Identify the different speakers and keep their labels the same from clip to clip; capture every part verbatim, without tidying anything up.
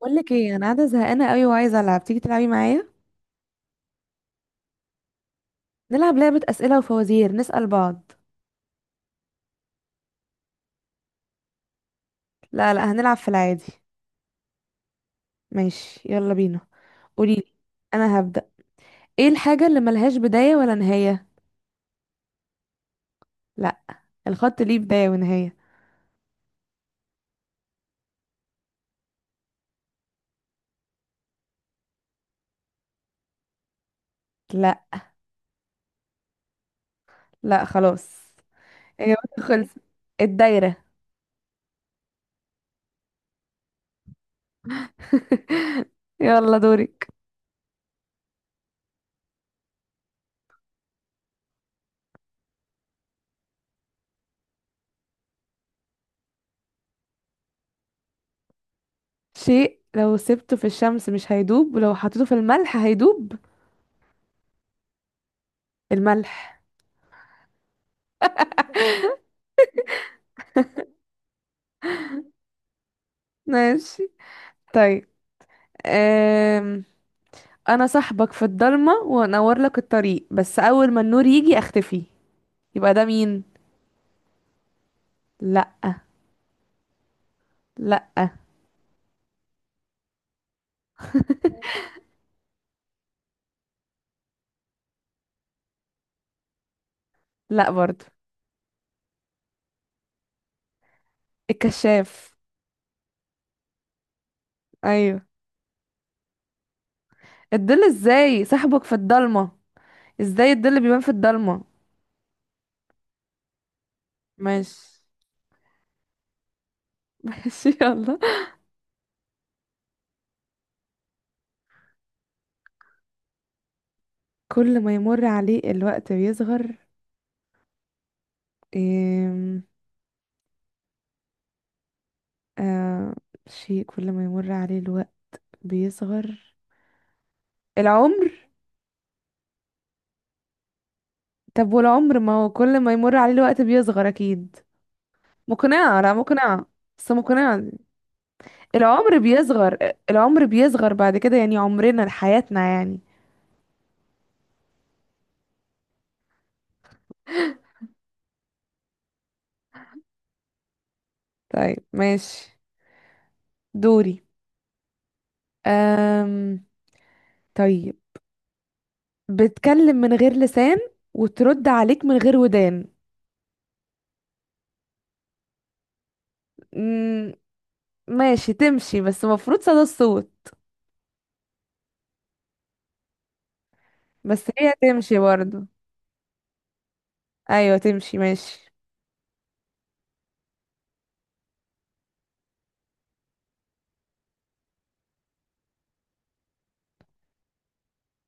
Speaker 1: بقول لك ايه، انا قاعده زهقانه قوي وعايزه العب. تيجي تلعبي معايا؟ نلعب لعبه اسئله وفوازير نسال بعض. لا، لا، هنلعب في العادي. ماشي، يلا بينا. قولي لي. انا هبدا. ايه الحاجه اللي ملهاش بدايه ولا نهايه؟ لا. الخط ليه بدايه ونهايه. لا، لا، خلاص. هي خلصت. الدايره. يلا دورك. شيء لو سبته في الشمس مش هيدوب، ولو حطيته في الملح هيدوب. الملح. ماشي. طيب. انا صاحبك في الضلمه وانور لك الطريق، بس اول ما النور يجي اختفي، يبقى ده مين؟ لا. لا. لا برضو. الكشاف. ايوه. الظل ازاي صاحبك في الضلمه؟ ازاي الظل بيبان في الضلمه؟ ماشي. ماشي، يلا. كل ما يمر عليه الوقت بيصغر؟ إيه؟ آه... شيء كل ما يمر عليه الوقت بيصغر. العمر. طب والعمر ما هو كل ما يمر عليه الوقت بيصغر اكيد. مقنعه. لا مقنعه، بس مقنعه. العمر بيصغر. العمر بيصغر بعد كده يعني، عمرنا حياتنا يعني. طيب، ماشي. دوري. أم... طيب. بتكلم من غير لسان وترد عليك من غير ودان. مم... ماشي تمشي، بس المفروض صدى الصوت. بس هي تمشي برضو. ايوه، تمشي ماشي.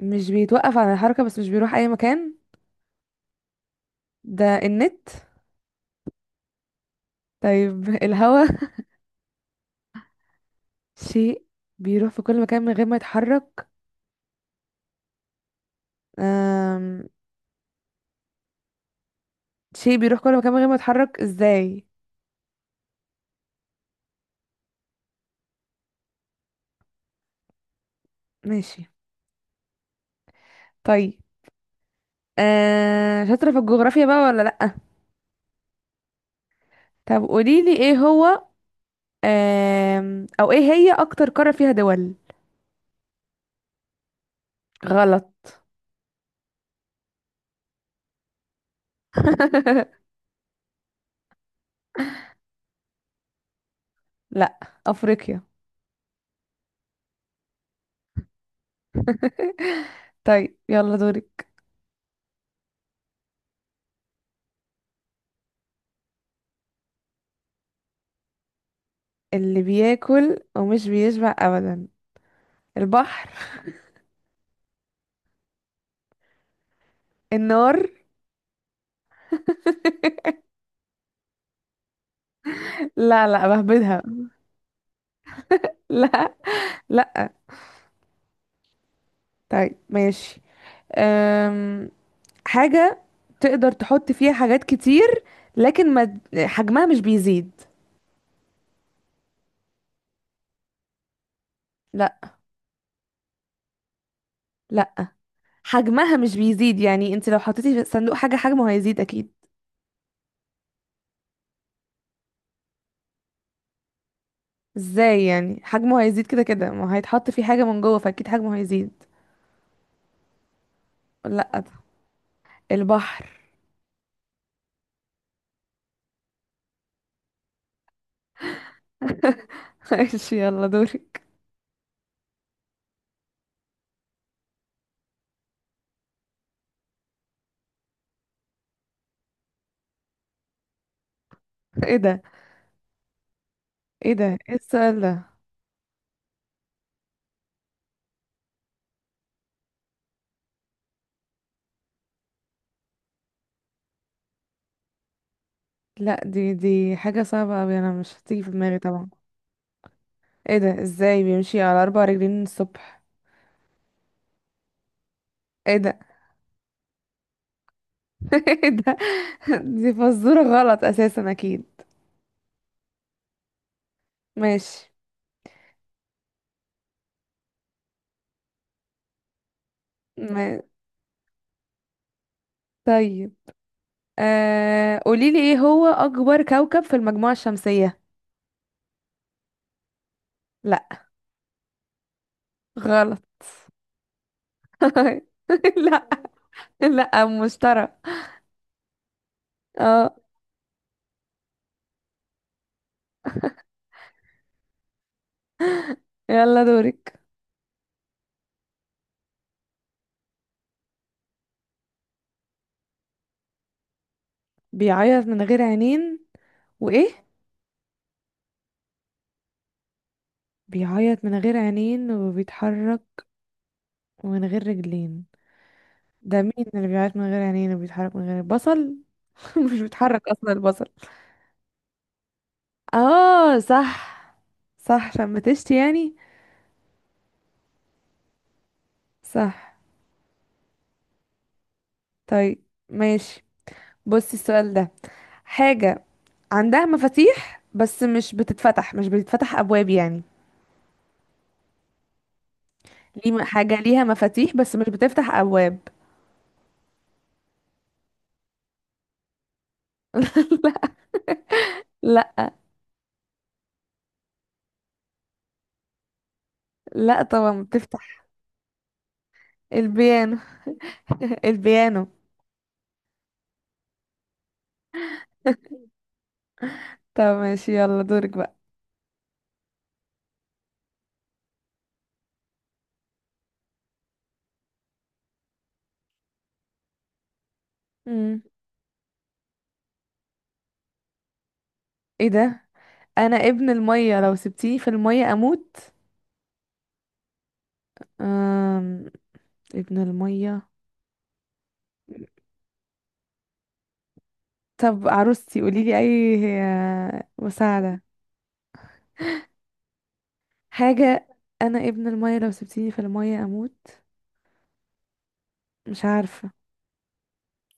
Speaker 1: مش بيتوقف عن الحركة، بس مش بيروح اي مكان. ده النت. طيب. الهوا. شيء بيروح في كل مكان من غير ما يتحرك. أم... شيء بيروح كل مكان من غير ما يتحرك؟ ازاي؟ ماشي. طيب. آه شاطرة في الجغرافيا بقى ولا لأ؟ طب قوليلي ايه هو. آه او ايه هي اكتر قارة فيها دول؟ غلط. لأ، افريقيا. طيب، يلا دوري. اللي بياكل ومش بيشبع ابدا. البحر. النار. لا، لا، بهبدها. لا، لا. طيب، ماشي. أم... حاجة تقدر تحط فيها حاجات كتير، لكن ما حجمها مش بيزيد. لا. لا، حجمها مش بيزيد يعني، انت لو حطيتي في صندوق حاجة حجمه هيزيد اكيد. ازاي يعني؟ حجمه هيزيد كده كده، ما هيتحط فيه حاجة من جوه فاكيد حجمه هيزيد. لا، البحر. ماشي، يلا دورك. ايه ده؟ ايه ده؟ ايه السؤال ده؟ لا، دي دي حاجة صعبة اوي، انا مش هتيجي في دماغي طبعا. ايه ده؟ ازاي بيمشي على اربع رجلين الصبح؟ ايه ده؟ ايه ده؟ دي فزورة غلط اساسا اكيد. ماشي. ما... طيب. آه... قوليلي ايه هو اكبر كوكب في المجموعة الشمسية؟ لا. غلط. لا، لا، مشترى. اه. يلا دورك. بيعيط من غير عينين وايه؟ بيعيط من غير عينين وبيتحرك من غير رجلين. ده مين اللي بيعيط من غير عينين وبيتحرك من غير بصل؟ مش بيتحرك اصلا البصل. اه، صح. صح، شمتشتي يعني. صح. طيب، ماشي. بصي السؤال ده. حاجة عندها مفاتيح، بس مش بتتفتح مش بتتفتح أبواب يعني. ليه م- حاجة ليها مفاتيح بس مش بتفتح أبواب؟ لا، لا طبعا بتفتح. البيانو. البيانو. طب ماشي، يلا دورك بقى. مم. ايه ده؟ انا ابن المية، لو سبتيني في المية اموت. أم... ابن المية. طب عروستي، قوليلي اي. آه، مساعدة. حاجة. انا ابن المية لو سبتيني في المية اموت. مش عارفة.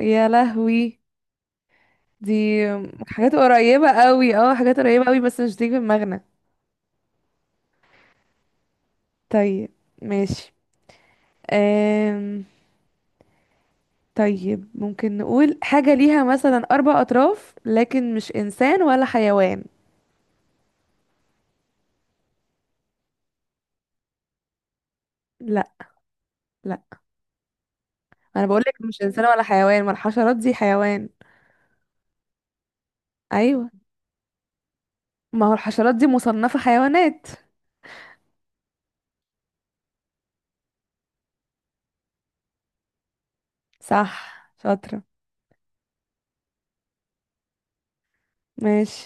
Speaker 1: يا لهوي. دي حاجات قريبة قوي، اه، حاجات قريبة قوي بس مش تيجي في دماغنا. طيب، ماشي. أم... طيب، ممكن نقول حاجة ليها مثلا أربع أطراف لكن مش إنسان ولا حيوان؟ لا. لا، أنا بقولك مش إنسان ولا حيوان، ما الحشرات دي حيوان. أيوة. ما هو الحشرات دي مصنفة حيوانات. صح، شاطرة. ماشي.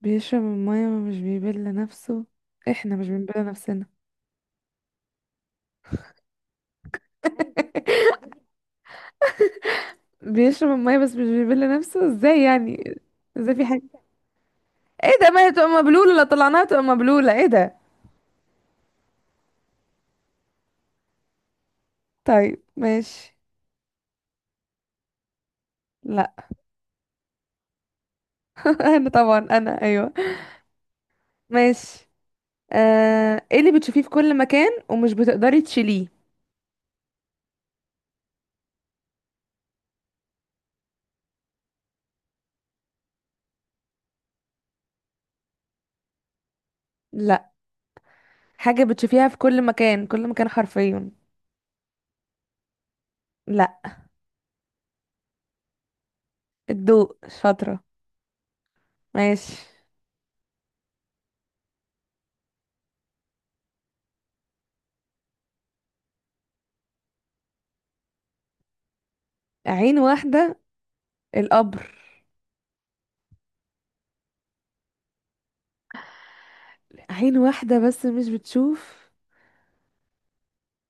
Speaker 1: بيشرب المية ومش بيبل نفسه. احنا مش بنبل نفسنا. بيشرب المية بس مش بيبل نفسه ازاي يعني؟ ازاي في. ايه ده؟ ما هي تبقى مبلولة، لو طلعناها تبقى مبلولة، ايه ده؟ طيب، ماشي. لا. انا طبعا، انا، ايوه. ماشي. آه... ايه اللي بتشوفيه في كل مكان ومش بتقدري تشيليه؟ لا. حاجة بتشوفيها في كل مكان، كل مكان حرفيا. لا. الضوء. شاطرة. ماشي. عين واحدة. القبر. عين واحدة بس مش بتشوف.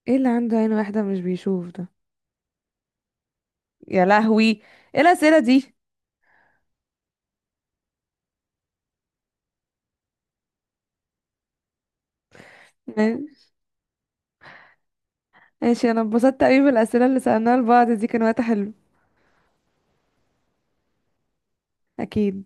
Speaker 1: ايه اللي عنده عين واحدة مش بيشوف ده؟ يا لهوي. ايه الأسئلة دي؟ ماشي، انا اتبسطت قوي بالأسئلة اللي سألناها لبعض دي، كان وقت حلو. اكيد.